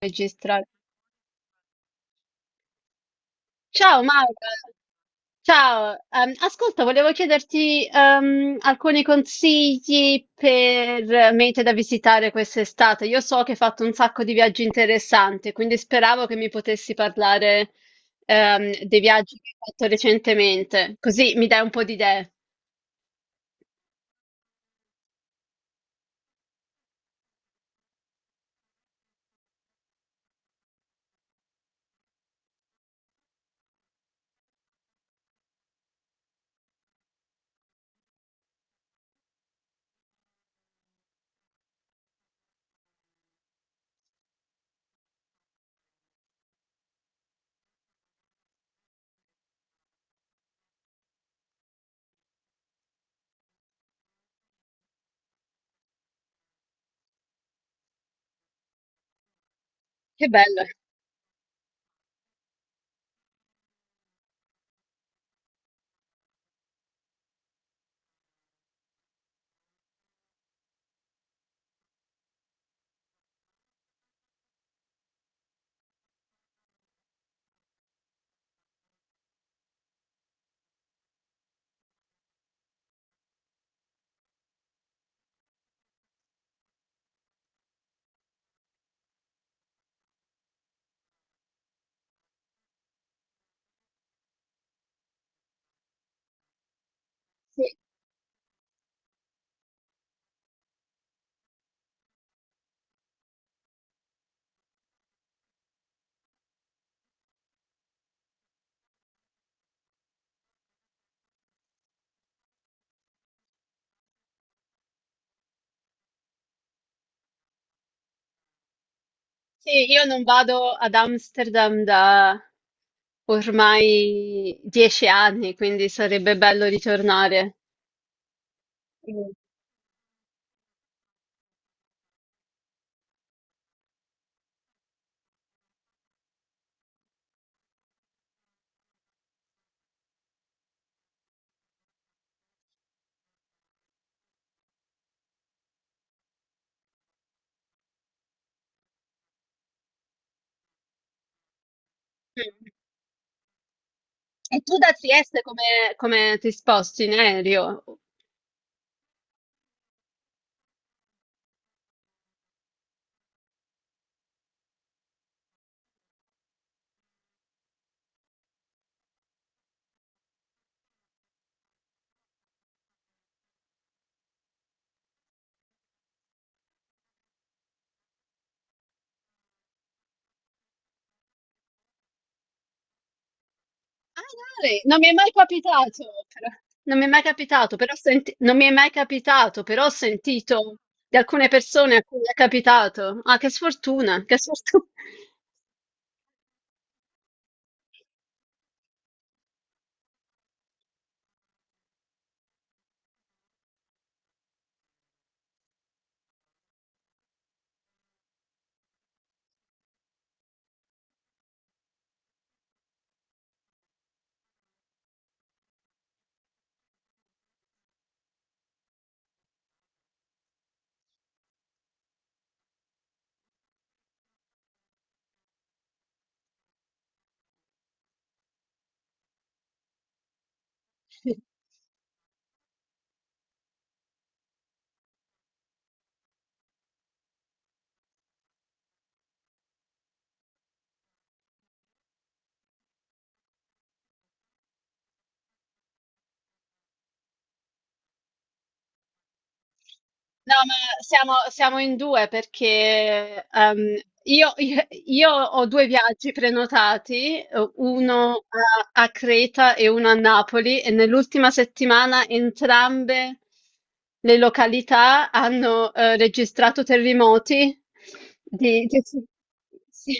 Registrare. Ciao Maura, ciao. Ascolta, volevo chiederti alcuni consigli per mete da visitare quest'estate. Io so che hai fatto un sacco di viaggi interessanti, quindi speravo che mi potessi parlare dei viaggi che hai fatto recentemente, così mi dai un po' di idee. Che bello. Sì, sì, io non vado ad Amsterdam da ormai 10 anni, quindi sarebbe bello ritornare. Mm. E tu da Trieste come, come ti sposti in aereo? Ah, dai, non mi è mai capitato, però. Non mi è mai capitato, però non mi è mai capitato, però ho sentito di alcune persone a cui è capitato. Ah, che sfortuna, che sfortuna. No, ma siamo in due perché io ho due viaggi prenotati, uno a, Creta e uno a Napoli, e nell'ultima settimana entrambe le località hanno registrato terremoti, sì. Sì,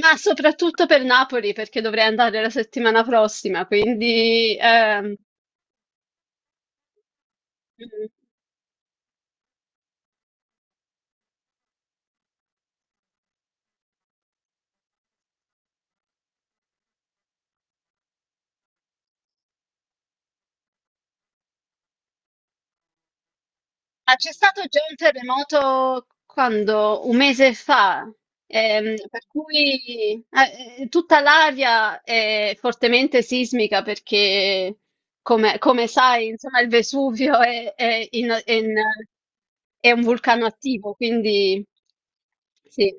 ma soprattutto per Napoli perché dovrei andare la settimana prossima, quindi ma c'è stato già un terremoto quando? Un mese fa, per cui tutta l'area è fortemente sismica perché, come sai, insomma, il Vesuvio è un vulcano attivo, quindi sì.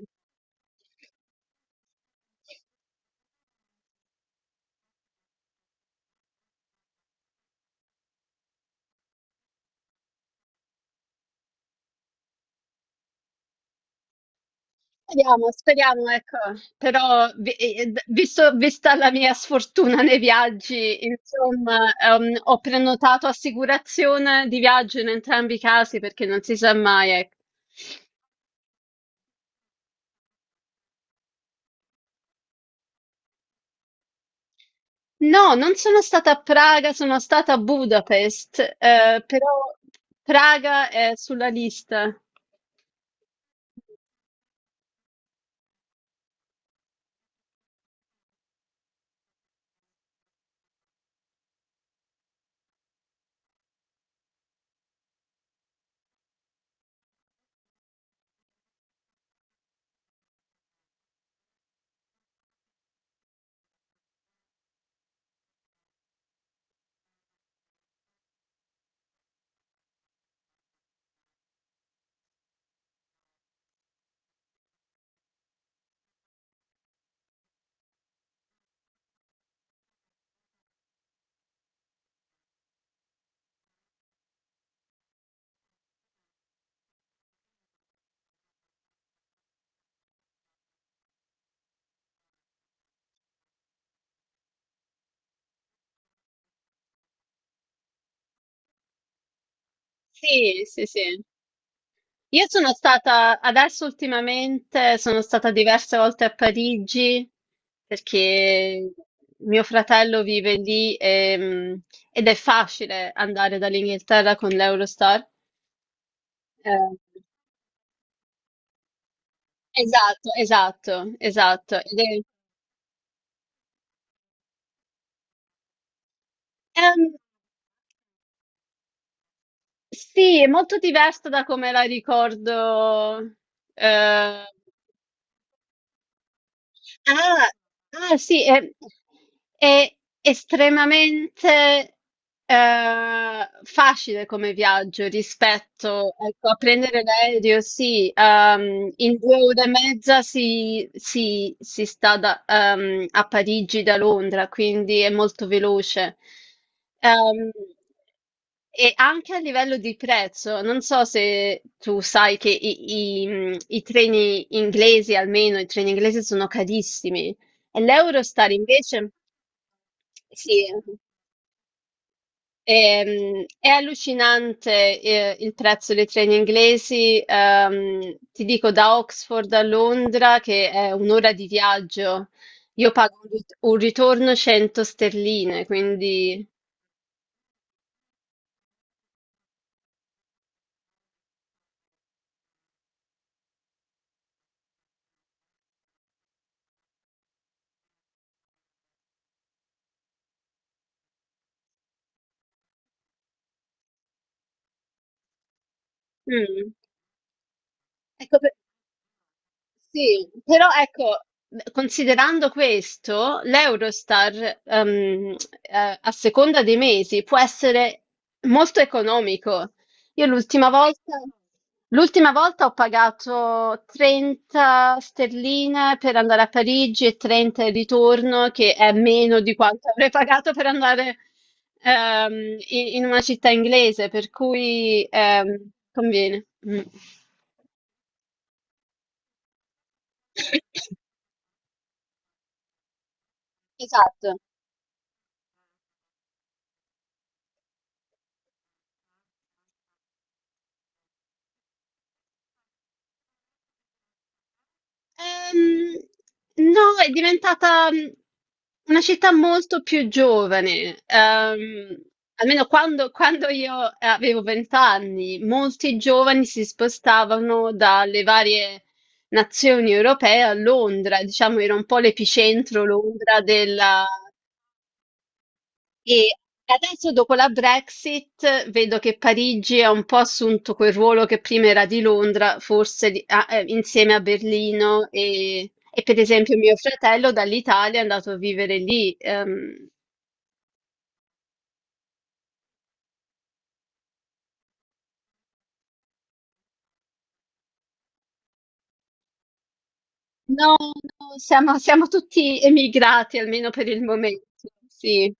Speriamo, speriamo, ecco, però vista la mia sfortuna nei viaggi, insomma, ho prenotato assicurazione di viaggio in entrambi i casi perché non si sa mai, ecco. No, non sono stata a Praga, sono stata a Budapest, però Praga è sulla lista. Sì, sì, sì. Io sono stata, adesso ultimamente, sono stata diverse volte a Parigi perché mio fratello vive lì e, ed è facile andare dall'Inghilterra con l'Eurostar. Eh, esatto, esatto, esatto. Ehm, sì, è molto diversa da come la ricordo. eh, Ah, ah, sì, è estremamente facile come viaggio rispetto, ecco, a prendere l'aereo, sì, in 2 ore e mezza si sta a Parigi da Londra, quindi è molto veloce. Ehm, e anche a livello di prezzo, non so se tu sai che i treni inglesi, almeno i treni inglesi, sono carissimi. E l'Eurostar invece, sì, è allucinante, il prezzo dei treni inglesi. Ti dico, da Oxford a Londra, che è un'ora di viaggio, io pago un ritorno 100 sterline, quindi... Mm, ecco. Sì, però ecco, considerando questo, l'Eurostar, a seconda dei mesi, può essere molto economico. Io l'ultima volta, ho pagato 30 sterline per andare a Parigi e 30 in ritorno, che è meno di quanto avrei pagato per andare, ehm, in, una città inglese, per cui, conviene. Mm. Esatto. Ehm, no, è diventata una città molto più giovane. Almeno quando io avevo 20 anni, molti giovani si spostavano dalle varie nazioni europee a Londra, diciamo, era un po' l'epicentro Londra della, e adesso dopo la Brexit vedo che Parigi ha un po' assunto quel ruolo che prima era di Londra, forse ah, insieme a Berlino e per esempio mio fratello dall'Italia è andato a vivere lì. No, no, siamo tutti emigrati almeno per il momento, sì.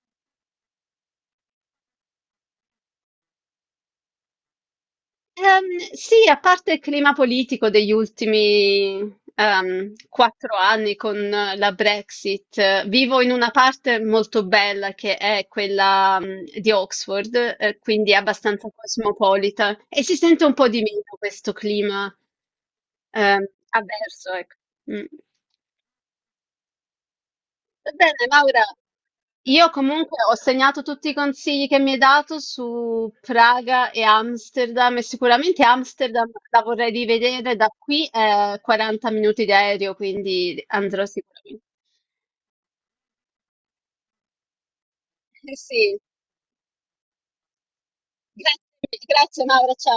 Sì, a parte il clima politico degli ultimi 4 anni con la Brexit, vivo in una parte molto bella che è quella di Oxford, quindi è abbastanza cosmopolita e si sente un po' di meno questo clima ehm, avverso, ecco. Mm. Va bene, Laura. Io comunque ho segnato tutti i consigli che mi hai dato su Praga e Amsterdam e sicuramente Amsterdam la vorrei rivedere, da qui è 40 minuti di aereo, quindi andrò sicuramente. Eh sì, grazie, grazie Laura, ciao.